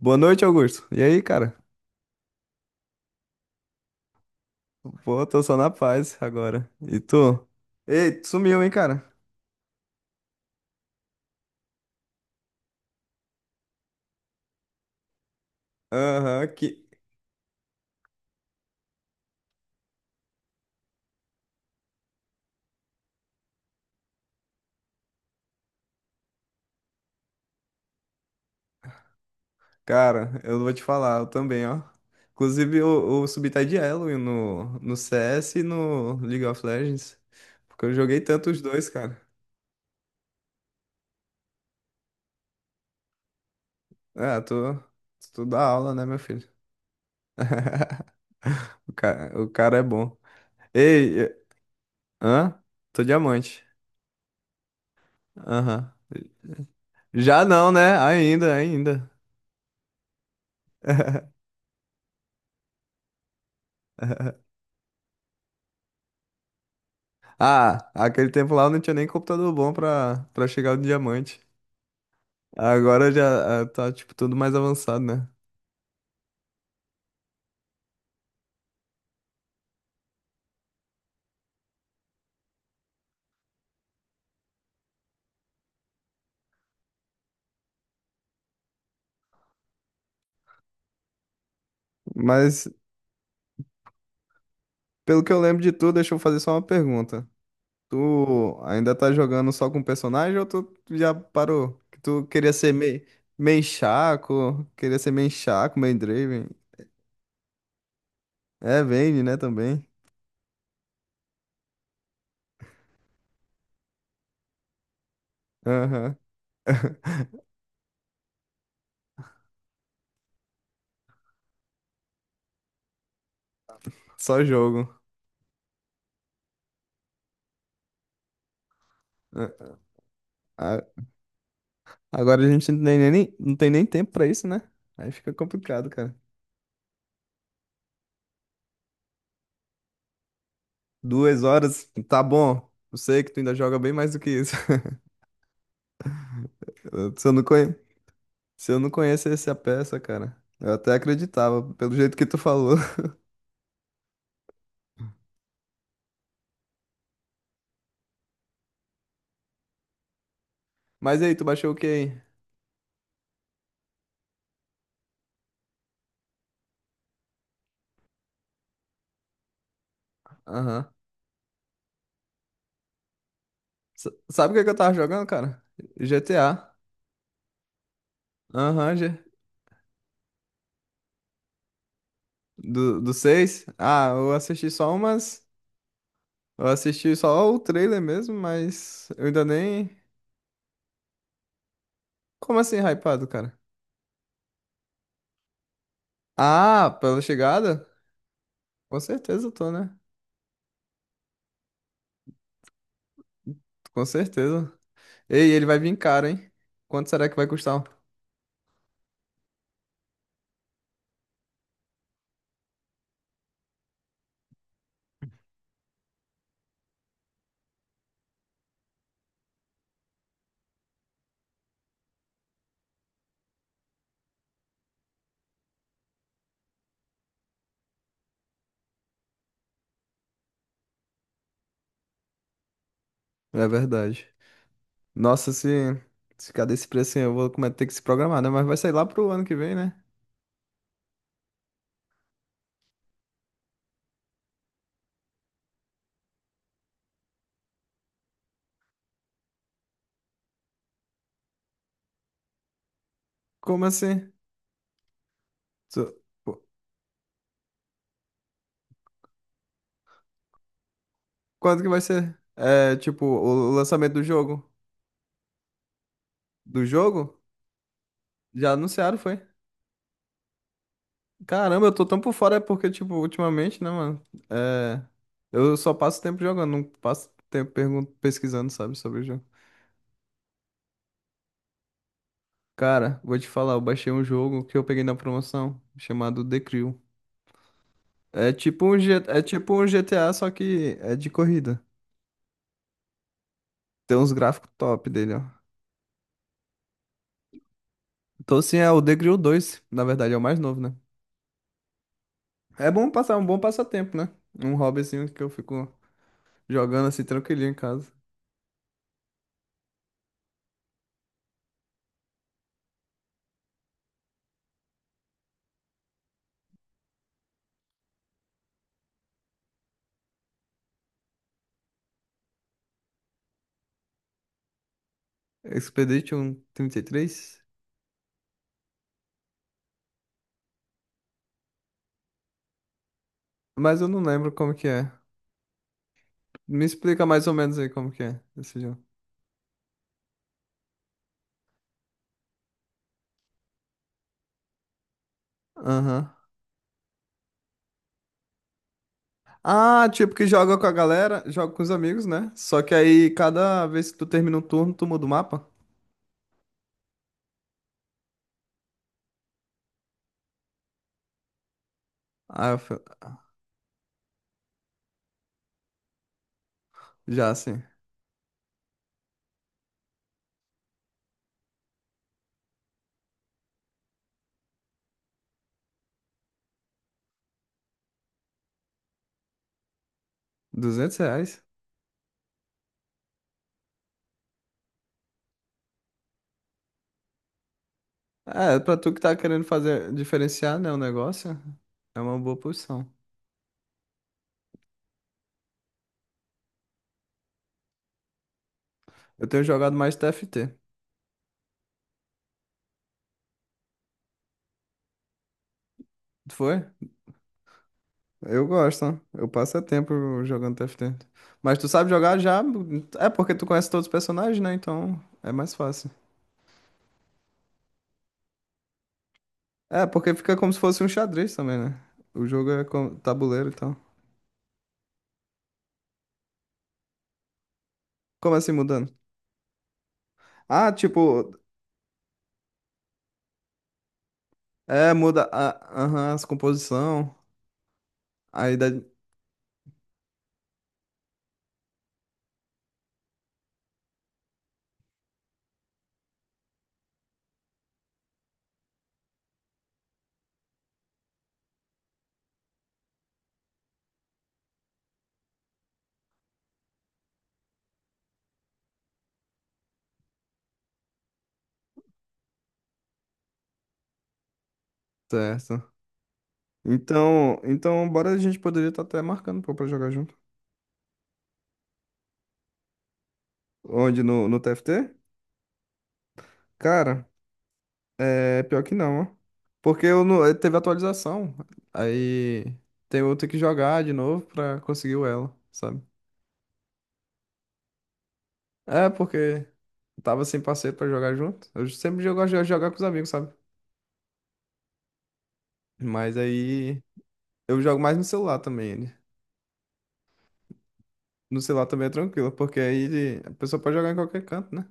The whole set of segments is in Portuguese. Boa noite, Augusto. E aí, cara? Pô, tô só na paz agora. E tu? Ei, tu sumiu, hein, cara? Aham, que. Cara, eu vou te falar, eu também, ó. Inclusive, eu subi tá de elo no CS e no League of Legends. Porque eu joguei tanto os dois, cara. Ah, tô. Tu dá aula, né, meu filho? O cara é bom. Ei, hã? Tô diamante. Aham. Já não, né? Ainda, ainda. Ah, aquele tempo lá eu não tinha nem computador bom pra chegar no diamante. Agora já ah, tá, tipo, tudo mais avançado, né? Mas, pelo que eu lembro de tu, deixa eu fazer só uma pergunta. Tu ainda tá jogando só com personagem ou tu já parou? Que tu queria ser meio, meio Shaco, queria ser meio Shaco, meio Draven. É, Vayne, né, também. Aham. Só jogo. Ah, ah, agora a gente não tem nem, não tem nem tempo pra isso, né? Aí fica complicado, cara. Duas horas, tá bom. Eu sei que tu ainda joga bem mais do que isso. Se eu não se eu não conhecesse a peça, cara, eu até acreditava, pelo jeito que tu falou. Mas e aí, tu baixou o que aí? Aham. Sabe o que é que eu tava jogando, cara? GTA. Aham, do, do seis. Ah, eu assisti só umas. Eu assisti só o trailer mesmo, mas eu ainda nem. Como assim, hypado, cara? Ah, pela chegada? Com certeza eu tô, né? Com certeza. Ei, ele vai vir caro, hein? Quanto será que vai custar? É verdade. Nossa, se ficar desse preço assim, eu vou ter que se programar, né? Mas vai sair lá pro ano que vem, né? Como assim? So- qu- Quando que vai ser? É, tipo, o lançamento do jogo? Do jogo? Já anunciaram, foi? Caramba, eu tô tão por fora é porque, tipo, ultimamente, né, mano? É, eu só passo tempo jogando, não passo tempo pesquisando, sabe, sobre o jogo. Cara, vou te falar, eu baixei um jogo que eu peguei na promoção, chamado The Crew. É tipo um é tipo um GTA, só que é de corrida. Tem uns gráficos top dele, ó. Então, sim, é o The Grill 2, na verdade, é o mais novo, né? É bom passar um bom passatempo, né? Um hobbyzinho que eu fico jogando assim tranquilinho em casa. Expedition 33, mas eu não lembro como que é. Me explica mais ou menos aí como que é esse jogo. Aham. Ah, tipo que joga com a galera, joga com os amigos, né? Só que aí cada vez que tu termina um turno, tu muda o mapa. Ah, já assim, R$ 200? É, pra tu que tá querendo fazer diferenciar, né, o negócio, é uma boa posição. Eu tenho jogado mais TFT. Tu foi? Eu gosto, ó. Eu passo é tempo jogando TFT. Mas tu sabe jogar já? É porque tu conhece todos os personagens, né? Então é mais fácil. É, porque fica como se fosse um xadrez também, né? O jogo é com tabuleiro e tal. Como assim mudando? Ah, tipo, é, muda a, aham, as composição. Aí dá- Certo. Então, então, bora, a gente poderia estar até marcando pô, pra jogar junto. Onde? No TFT? Cara, é pior que não, ó. Porque eu não, teve atualização. Aí tem eu ter que jogar de novo pra conseguir o elo, sabe? É, porque tava sem parceiro pra jogar junto. Eu sempre jogo, gosto de jogar com os amigos, sabe? Mas aí eu jogo mais no celular também, ele. No celular também é tranquilo, porque aí a pessoa pode jogar em qualquer canto, né?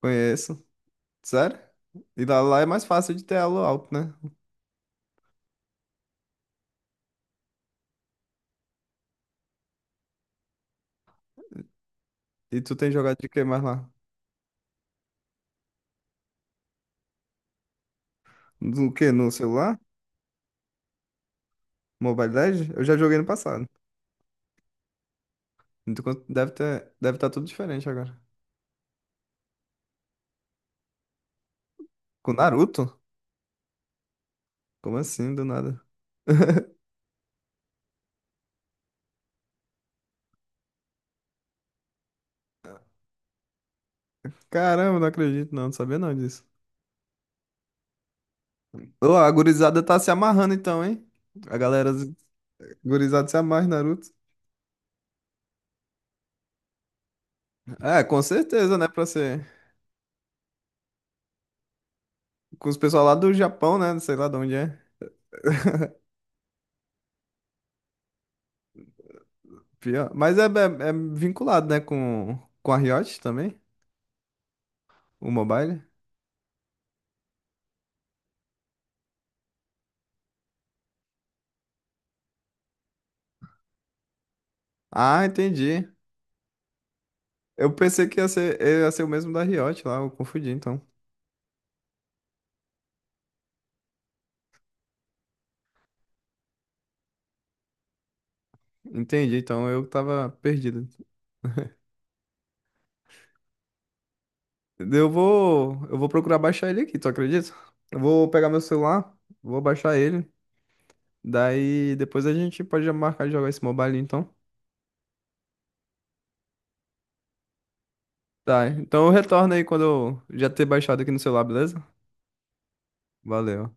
Conheço. Sério? E lá, lá é mais fácil de ter elo alto, né? E tu tem jogado de que mais lá? Do que? No celular? Mobile Legends? Eu já joguei no passado. Então quanto- deve ter, deve estar tudo diferente agora. Com Naruto? Como assim, do nada? Caramba, não acredito não, não sabia não disso. Ô, a gurizada tá se amarrando então, hein? A galera z- gurizada se amarra em Naruto. É, com certeza, né? Pra ser. Com os pessoal lá do Japão, né? Não sei lá de onde é. Pior. Mas é, é vinculado, né? Com a Riot também, o mobile. Ah, entendi. Eu pensei que ia ser o mesmo da Riot lá, eu confundi, então. Entendi, então eu tava perdido. Eu vou procurar baixar ele aqui, tu acredita? Eu vou pegar meu celular, vou baixar ele. Daí depois a gente pode já marcar de jogar esse mobile, então. Tá, então eu retorno aí quando eu já ter baixado aqui no celular, beleza? Valeu.